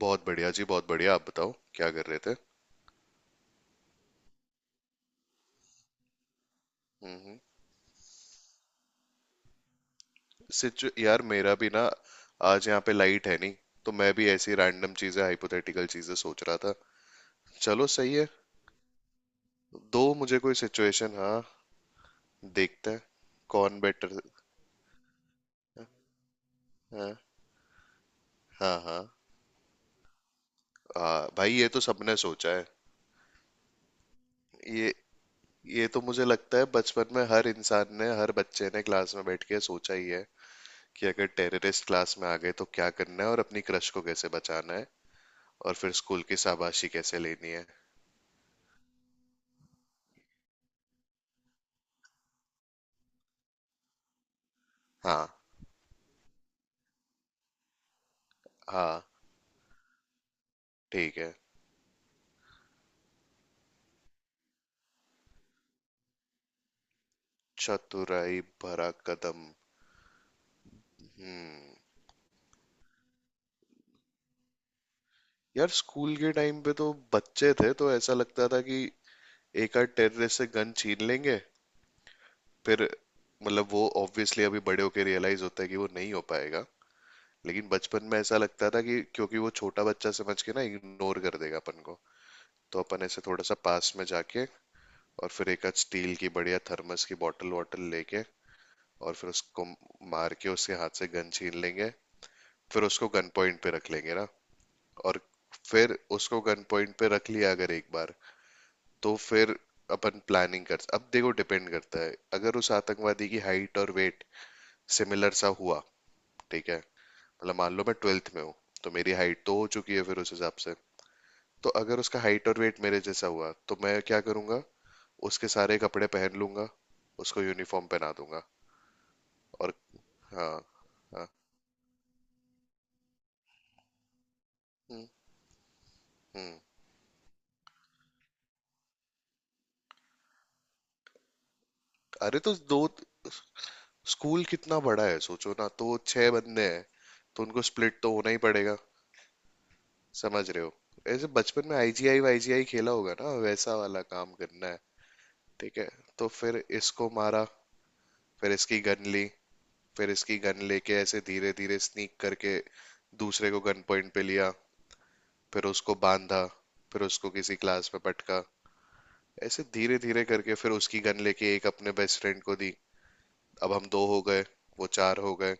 बहुत बढ़िया जी, बहुत बढ़िया। आप बताओ क्या कर रहे थे? हम्म। सिचु यार मेरा भी ना, आज यहाँ पे लाइट है नहीं, तो मैं भी ऐसी रैंडम चीजें, हाइपोथेटिकल चीजें सोच रहा था। चलो सही है। दो मुझे कोई सिचुएशन। हाँ, देखते हैं। कौन बेटर? हाँ हाँ। हाँ। हाँ, भाई ये तो सबने सोचा है। ये ये तो मुझे लगता है बचपन में हर इंसान ने, हर बच्चे ने क्लास में बैठ के सोचा ही है कि अगर टेररिस्ट क्लास में आ गए तो क्या करना है, और अपनी क्रश को कैसे बचाना है, और फिर स्कूल की शाबाशी कैसे लेनी है। हाँ। हाँ। ठीक है। चतुराई भरा कदम। हम्म। यार स्कूल के टाइम पे तो बच्चे थे, तो ऐसा लगता था कि एक आध टेररिस्ट से गन छीन लेंगे। फिर मतलब वो ऑब्वियसली अभी बड़े होके रियलाइज होता है कि वो नहीं हो पाएगा। लेकिन बचपन में ऐसा लगता था कि क्योंकि वो छोटा बच्चा समझ के ना इग्नोर कर देगा अपन को, तो अपन ऐसे थोड़ा सा पास में जाके और फिर एक आध स्टील की बढ़िया थर्मस की बॉटल वॉटल लेके, और फिर उसको मार के उसके हाथ से गन छीन लेंगे। फिर उसको गन पॉइंट पे रख लेंगे ना। और फिर उसको गन पॉइंट पे रख लिया अगर एक बार, तो फिर अपन प्लानिंग कर। अब देखो, डिपेंड करता है, अगर उस आतंकवादी की हाइट और वेट सिमिलर सा हुआ। ठीक है। मतलब मान लो मैं 12th में हूँ, तो मेरी हाइट तो हो चुकी है, फिर उस हिसाब से। तो अगर उसका हाइट और वेट मेरे जैसा हुआ तो मैं क्या करूंगा, उसके सारे कपड़े पहन लूंगा, उसको यूनिफॉर्म पहना दूंगा। और हाँ। हाँ। हम्म। हम्म। अरे, तो दो, स्कूल कितना बड़ा है सोचो ना, तो छह बंदे हैं, तो उनको स्प्लिट तो होना ही पड़ेगा। समझ रहे हो? ऐसे बचपन में आईजीआई-वाईजीआई खेला होगा ना, वैसा वाला काम करना है। ठीक है। तो फिर इसको मारा, फिर इसकी गन ली, फिर इसकी गन लेके ऐसे धीरे धीरे स्नीक करके दूसरे को गन पॉइंट पे लिया, फिर उसको बांधा, फिर उसको किसी क्लास में पटका। ऐसे धीरे धीरे करके फिर उसकी गन लेके एक अपने बेस्ट फ्रेंड को दी। अब हम दो हो गए, वो चार हो गए,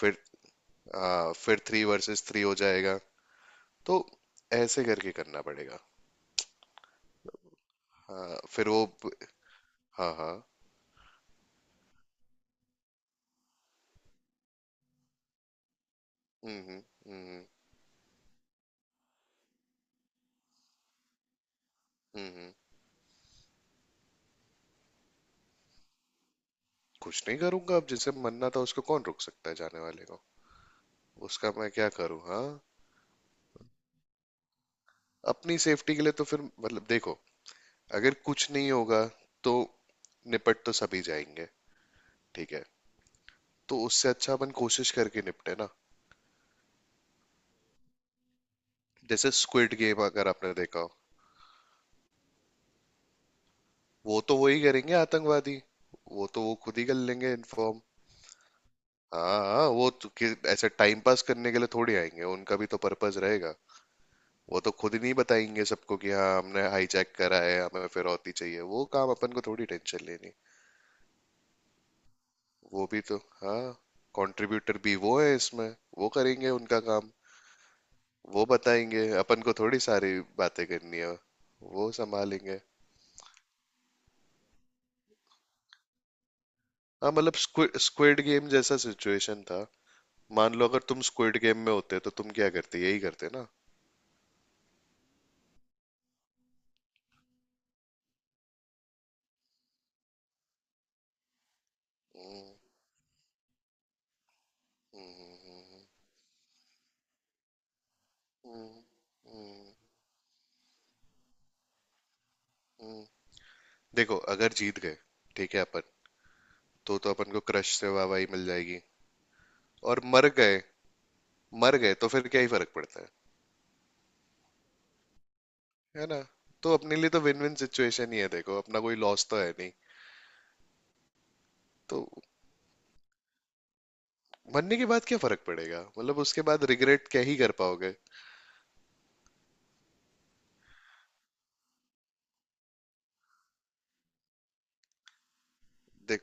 फिर फिर थ्री वर्सेस थ्री हो जाएगा। तो ऐसे करके करना पड़ेगा। हाँ फिर वो। हाँ। हाँ। हम्म। हम्म। हम्म। हम्म। कुछ नहीं करूंगा। अब जिसे मनना था उसको कौन रोक सकता है, जाने वाले को। उसका मैं क्या करूँ? हाँ। अपनी सेफ्टी के लिए तो फिर मतलब देखो, अगर कुछ नहीं होगा तो निपट तो सभी जाएंगे। ठीक है, तो उससे अच्छा अपन कोशिश करके निपटे ना। जैसे स्क्विड गेम अगर आपने देखा हो। वो तो वही करेंगे आतंकवादी, वो तो वो खुद ही कर लेंगे इन्फॉर्म। हाँ। हाँ, वो तो ऐसे टाइम पास करने के लिए थोड़ी आएंगे, उनका भी तो पर्पस रहेगा। वो तो खुद ही नहीं बताएंगे सबको कि हाँ हमने हाईजैक करा है, हमें फिरौती चाहिए, वो काम अपन को थोड़ी टेंशन लेनी। वो भी तो। हाँ। कंट्रीब्यूटर भी वो है इसमें। वो करेंगे उनका काम। वो बताएंगे अपन को, थोड़ी सारी बातें करनी है, वो संभालेंगे। हाँ मतलब स्क्विड गेम जैसा सिचुएशन था। मान लो अगर तुम स्क्विड गेम में होते तो तुम क्या करते, यही करते ना। हम्म। हम्म। हम्म। हम्म। हम्म। हम्म। हम्म। देखो अगर जीत गए, ठीक है अपन, तो अपन को क्रश से वाहवाही मिल जाएगी। और मर गए, मर गए तो फिर क्या ही फर्क पड़ता है। है ना। तो अपने लिए तो विन विन सिचुएशन ही है देखो, अपना कोई लॉस तो है नहीं। तो मरने के बाद क्या फर्क पड़ेगा, मतलब उसके बाद रिग्रेट क्या ही कर पाओगे। देख।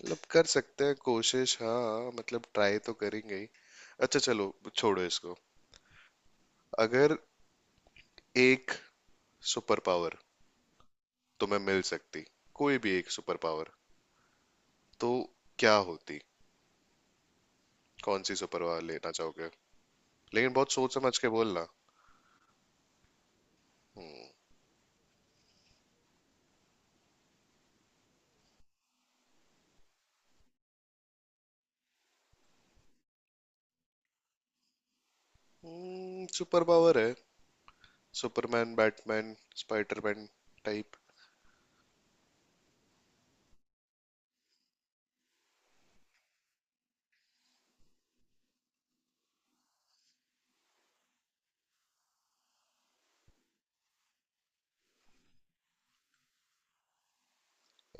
मतलब कर सकते हैं कोशिश, हाँ मतलब ट्राई तो करेंगे ही। अच्छा चलो, छोड़ो इसको। अगर एक सुपर पावर तुम्हें मिल सकती, कोई भी एक सुपर पावर, तो क्या होती, कौन सी सुपर पावर लेना चाहोगे? लेकिन बहुत सोच समझ के बोलना। सुपर पावर है। Superman, Batman, Spiderman type.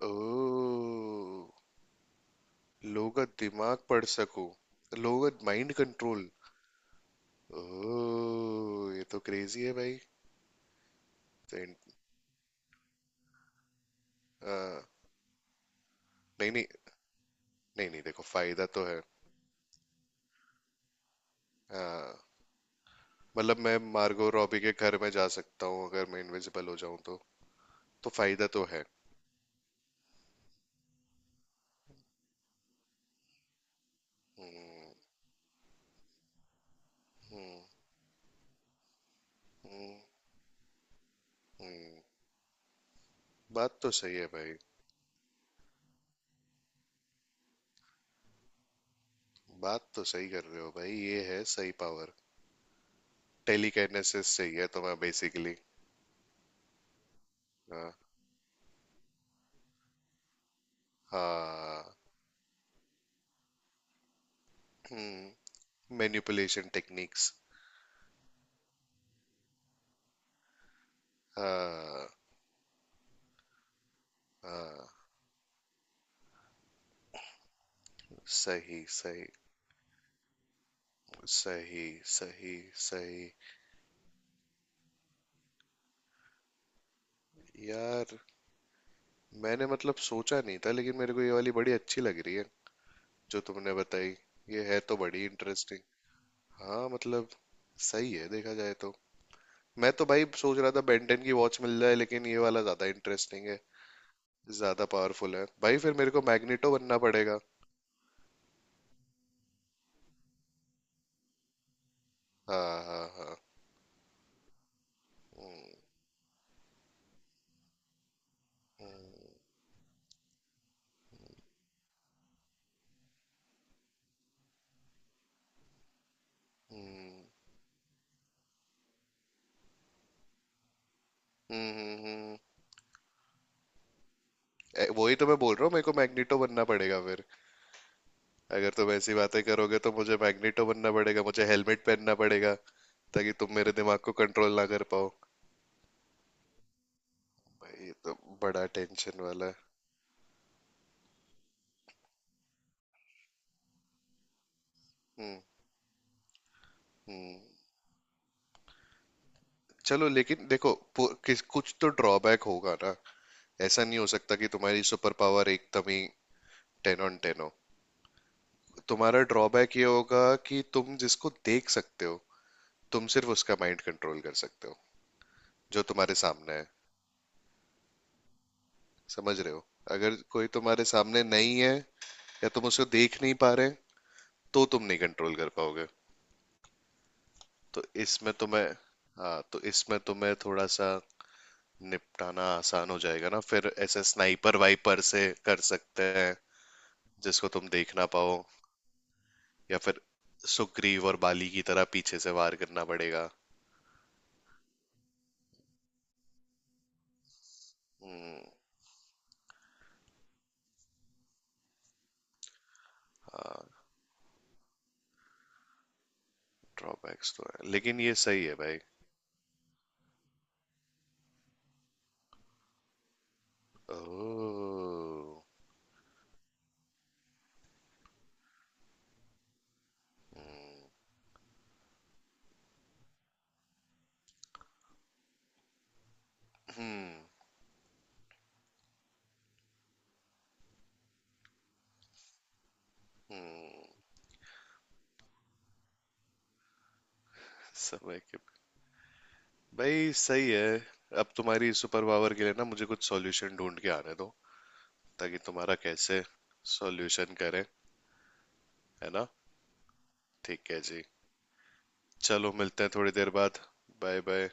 ओ, लोगों का दिमाग पढ़ सको, लोगों का माइंड कंट्रोल। ओ, ये तो क्रेजी है भाई। तो इन- आ, नहीं नहीं, नहीं नहीं, देखो फायदा तो है। हाँ, मतलब मैं मार्गो रॉबी के घर में जा सकता हूँ अगर मैं इनविजिबल हो जाऊं तो। तो फायदा तो है। हम्म। हम्म। बात तो सही है भाई। बात तो सही कर रहे हो भाई, ये है सही पावर। टेलीकाइनेसिस चाहिए तुम्हें बेसिकली। हाँ। हाँ। Manipulation techniques. हाँ। हाँ। सही, सही, सही, सही, सही। यार मैंने मतलब सोचा नहीं था, लेकिन मेरे को ये वाली बड़ी अच्छी लग रही है, जो तुमने बताई। ये है तो बड़ी इंटरेस्टिंग। हाँ मतलब सही है देखा जाए तो। मैं तो भाई सोच रहा था बेंटन की वॉच मिल जाए, लेकिन ये वाला ज्यादा इंटरेस्टिंग है, ज्यादा पावरफुल है भाई, फिर मेरे को मैग्नेटो बनना पड़ेगा। हाँ। हाँ। हाँ। हम्म। हम्म। हम्म। हम्म। ए, वही तो मैं बोल रहा हूँ, मेरे को मैग्नेटो बनना पड़ेगा फिर। अगर तुम ऐसी बातें करोगे तो मुझे मैग्नेटो बनना पड़ेगा, मुझे हेलमेट पहनना पड़ेगा ताकि तुम मेरे दिमाग को कंट्रोल ना कर पाओ। भाई ये तो बड़ा टेंशन वाला है। हम्म। हम्म। चलो, लेकिन देखो, किस कुछ तो ड्रॉबैक होगा ना, ऐसा नहीं हो सकता कि तुम्हारी सुपर पावर एकदम ही टेन ऑन टेन हो। तुम्हारा ड्रॉबैक ये होगा कि तुम जिसको देख सकते हो, तुम सिर्फ उसका माइंड कंट्रोल कर सकते हो, जो तुम्हारे सामने है। समझ रहे हो? अगर कोई तुम्हारे सामने नहीं है या तुम उसे देख नहीं पा रहे तो तुम नहीं कंट्रोल कर पाओगे। तो इसमें तुम्हें, हाँ तो इसमें तुम्हें थोड़ा सा निपटाना आसान हो जाएगा ना, फिर ऐसे स्नाइपर वाइपर से कर सकते हैं जिसको तुम देख ना पाओ। या फिर सुग्रीव और बाली की तरह पीछे से वार करना पड़ेगा। हाँ ड्रॉबैक्स तो है, लेकिन ये सही है भाई। ओह। हम्म। हम्म। समय के भाई सही है। अब तुम्हारी सुपर पावर के लिए ना मुझे कुछ सॉल्यूशन ढूंढ के आने दो, ताकि तुम्हारा कैसे सॉल्यूशन करें। है ना। ठीक है जी। चलो मिलते हैं थोड़ी देर बाद। Bye bye.